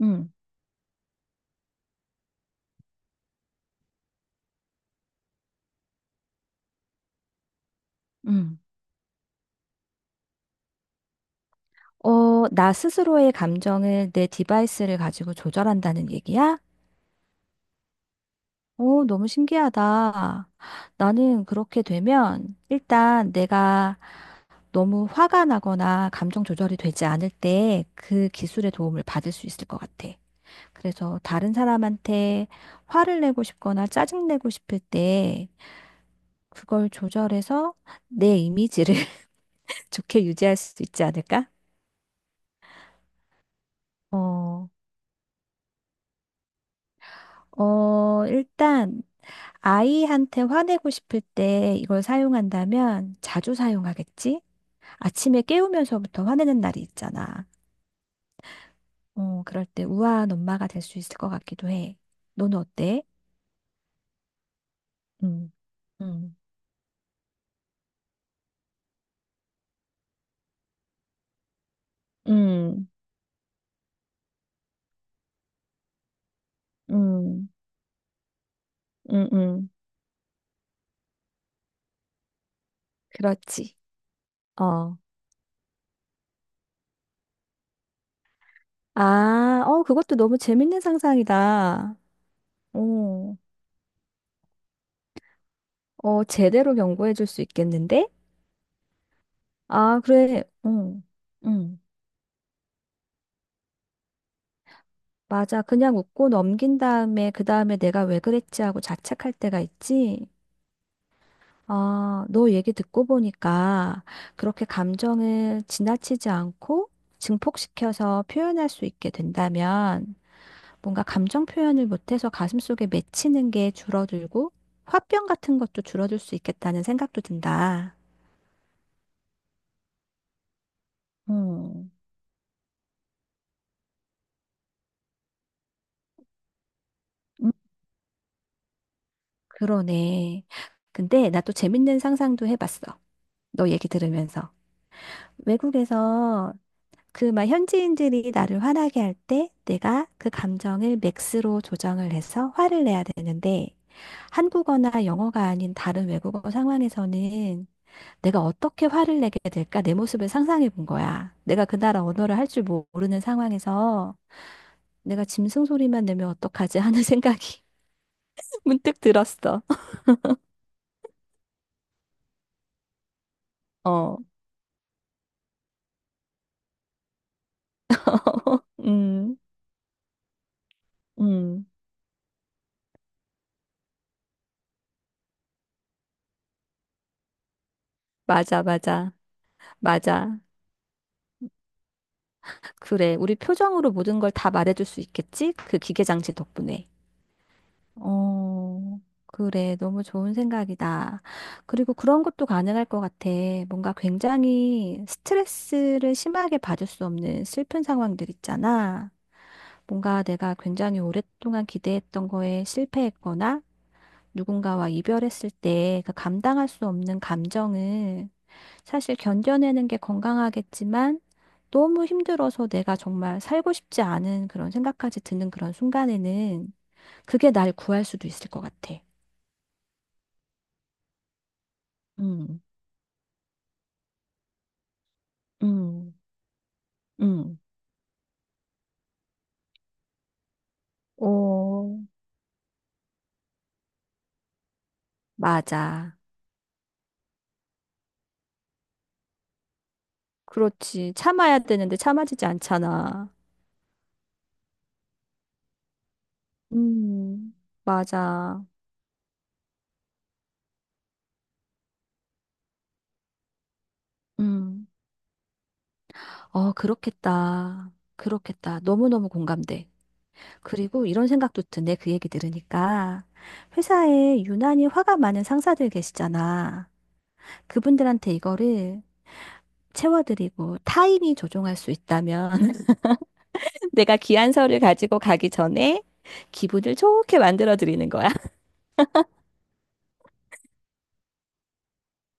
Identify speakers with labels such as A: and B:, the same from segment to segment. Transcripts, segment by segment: A: 음, 음. 나 스스로의 감정을 내 디바이스를 가지고 조절한다는 얘기야? 오, 너무 신기하다. 나는 그렇게 되면 일단 내가 너무 화가 나거나 감정 조절이 되지 않을 때 그 기술의 도움을 받을 수 있을 것 같아. 그래서 다른 사람한테 화를 내고 싶거나 짜증내고 싶을 때 그걸 조절해서 내 이미지를 좋게 유지할 수 있지 않을까? 어, 일단 아이한테 화내고 싶을 때 이걸 사용한다면 자주 사용하겠지? 아침에 깨우면서부터 화내는 날이 있잖아. 그럴 때 우아한 엄마가 될 수 있을 것 같기도 해. 너는 어때? 음, 음, 음, 음, 음, 음. 그렇지. 어. 그것도 너무 재밌는 상상이다. 어, 제대로 경고해 줄 수 있겠는데? 아, 그래. 응, 응. 맞아. 그냥 웃고 넘긴 다음에, 그 다음에 내가 왜 그랬지 하고 자책할 때가 있지. 아, 너 얘기 듣고 보니까 그렇게 감정을 지나치지 않고 증폭시켜서 표현할 수 있게 된다면 뭔가 감정 표현을 못해서 가슴속에 맺히는 게 줄어들고 화병 같은 것도 줄어들 수 있겠다는 생각도 든다. 음. 음. 그러네. 근데 나 또 재밌는 상상도 해봤어. 너 얘기 들으면서. 외국에서 그 막 현지인들이 나를 화나게 할 때 내가 그 감정을 맥스로 조정을 해서 화를 내야 되는데 한국어나 영어가 아닌 다른 외국어 상황에서는 내가 어떻게 화를 내게 될까 내 모습을 상상해 본 거야. 내가 그 나라 언어를 할 줄 모르는 상황에서 내가 짐승 소리만 내면 어떡하지 하는 생각이 문득 들었어. 어, 음, 음, 맞아, 맞아, 맞아. 그래, 우리 표정으로 모든 걸 다 말해줄 수 있겠지? 그 기계 장치 덕분에. 어, 그래. 너무 좋은 생각이다. 그리고 그런 것도 가능할 것 같아. 뭔가 굉장히 스트레스를 심하게 받을 수 없는 슬픈 상황들 있잖아. 뭔가 내가 굉장히 오랫동안 기대했던 거에 실패했거나 누군가와 이별했을 때 그 감당할 수 없는 감정을 사실 견뎌내는 게 건강하겠지만 너무 힘들어서 내가 정말 살고 싶지 않은 그런 생각까지 드는 그런 순간에는 그게 날 구할 수도 있을 것 같아. 음, 음, 음. 오, 맞아. 그렇지. 참아야 되는데 참아지지 않잖아. 음, 맞아. 음. 어, 그렇겠다. 그렇겠다. 너무너무 공감돼. 그리고 이런 생각도 드네. 그 얘기 들으니까. 회사에 유난히 화가 많은 상사들 계시잖아. 그분들한테 이거를 채워드리고 타인이 조종할 수 있다면 내가 귀한 서를 가지고 가기 전에 기분을 좋게 만들어 드리는 거야.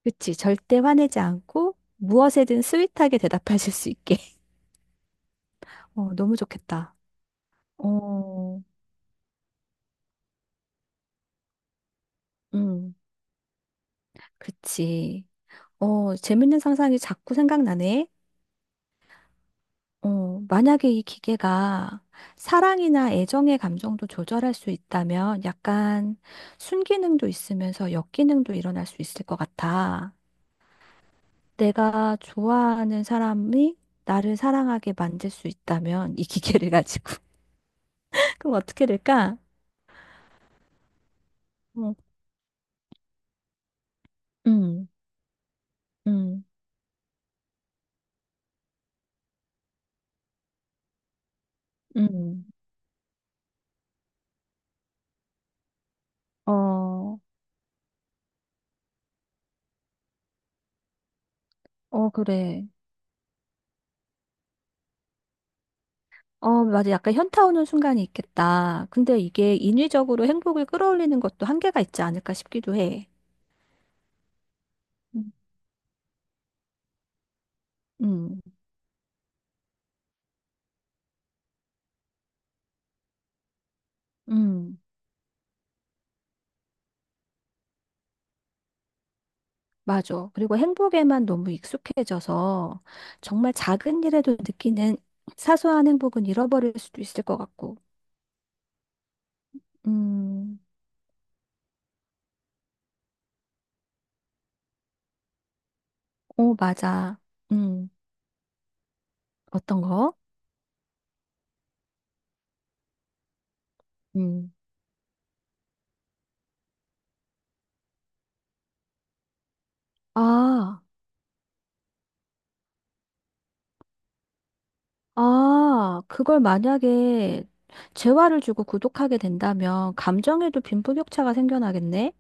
A: 그치. 절대 화내지 않고 무엇에든 스윗하게 대답하실 수 있게. 어, 너무 좋겠다. 어, 음, 그치. 어, 재밌는 상상이 자꾸 생각나네. 어, 만약에 이 기계가 사랑이나 애정의 감정도 조절할 수 있다면 약간 순기능도 있으면서 역기능도 일어날 수 있을 것 같아. 내가 좋아하는 사람이 나를 사랑하게 만들 수 있다면 이 기계를 가지고 그럼 어떻게 될까? 어, 음, 음, 음. 어, 그래. 어, 맞아. 약간 현타 오는 순간이 있겠다. 근데 이게 인위적으로 행복을 끌어올리는 것도 한계가 있지 않을까 싶기도 해. 음, 음, 음. 맞아. 그리고 행복에만 너무 익숙해져서 정말 작은 일에도 느끼는 사소한 행복은 잃어버릴 수도 있을 것 같고. 음. 오, 맞아. 음, 어떤 거? 음. 아, 그걸 만약에 재화를 주고 구독하게 된다면 감정에도 빈부격차가 생겨나겠네?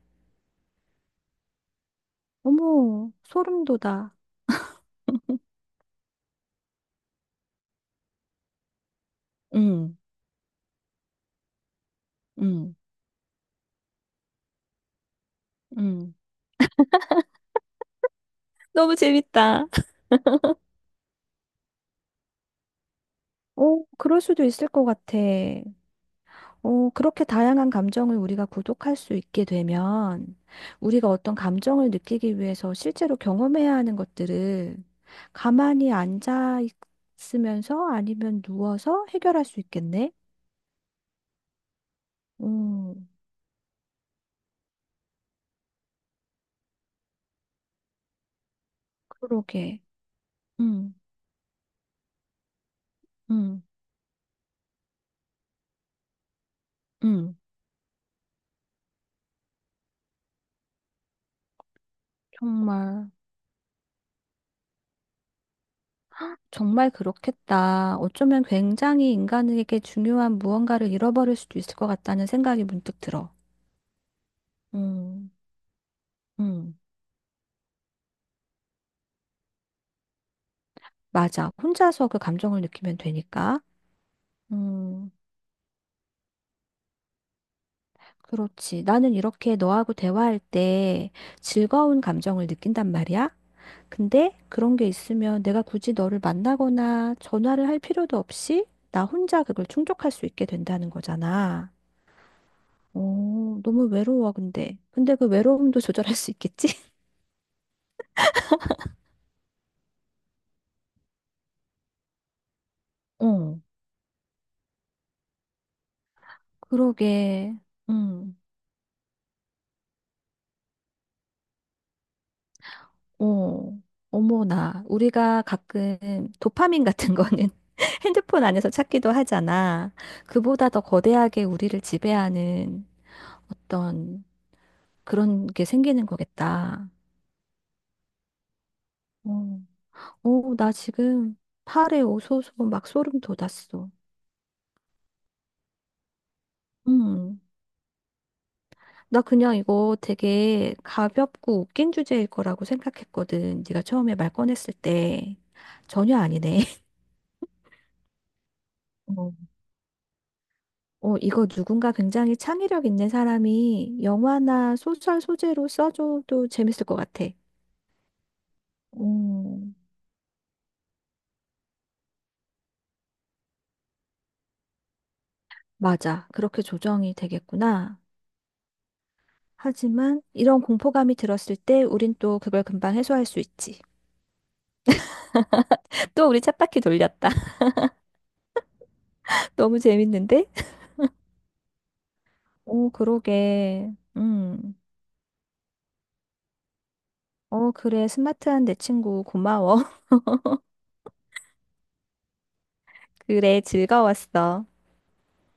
A: 어머, 소름 돋아. 음. 음. 음. 너무 재밌다. 오, 그럴 수도 있을 것 같아. 어, 그렇게 다양한 감정을 우리가 구독할 수 있게 되면 우리가 어떤 감정을 느끼기 위해서 실제로 경험해야 하는 것들을 가만히 앉아 있으면서 아니면 누워서 해결할 수 있겠네? 음, 그러게. 음, 음, 음, 정말, 정말 그렇겠다. 어쩌면 굉장히 인간에게 중요한 무언가를 잃어버릴 수도 있을 것 같다는 생각이 문득 들어. 음, 음, 맞아. 혼자서 그 감정을 느끼면 되니까. 음, 그렇지. 나는 이렇게 너하고 대화할 때 즐거운 감정을 느낀단 말이야. 근데 그런 게 있으면 내가 굳이 너를 만나거나 전화를 할 필요도 없이 나 혼자 그걸 충족할 수 있게 된다는 거잖아. 오, 너무 외로워, 근데. 근데 그 외로움도 조절할 수 있겠지? 어, 그러게. 음. 어, 어머나. 우리가 가끔 도파민 같은 거는 핸드폰 안에서 찾기도 하잖아. 그보다 더 거대하게 우리를 지배하는 어떤 그런 게 생기는 거겠다. 어, 나 지금 팔에 오소소 막 소름 돋았어. 음, 나 그냥 이거 되게 가볍고 웃긴 주제일 거라고 생각했거든. 네가 처음에 말 꺼냈을 때. 전혀 아니네. 어, 이거 누군가 굉장히 창의력 있는 사람이 영화나 소설 소재로 써줘도 재밌을 것 같아. 음, 맞아. 그렇게 조정이 되겠구나. 하지만 이런 공포감이 들었을 때 우린 또 그걸 금방 해소할 수 있지. 또 우리 쳇바퀴 돌렸다. 너무 재밌는데? 오, 그러게. 음. 어, 그래. 스마트한 내 친구 고마워. 그래, 즐거웠어.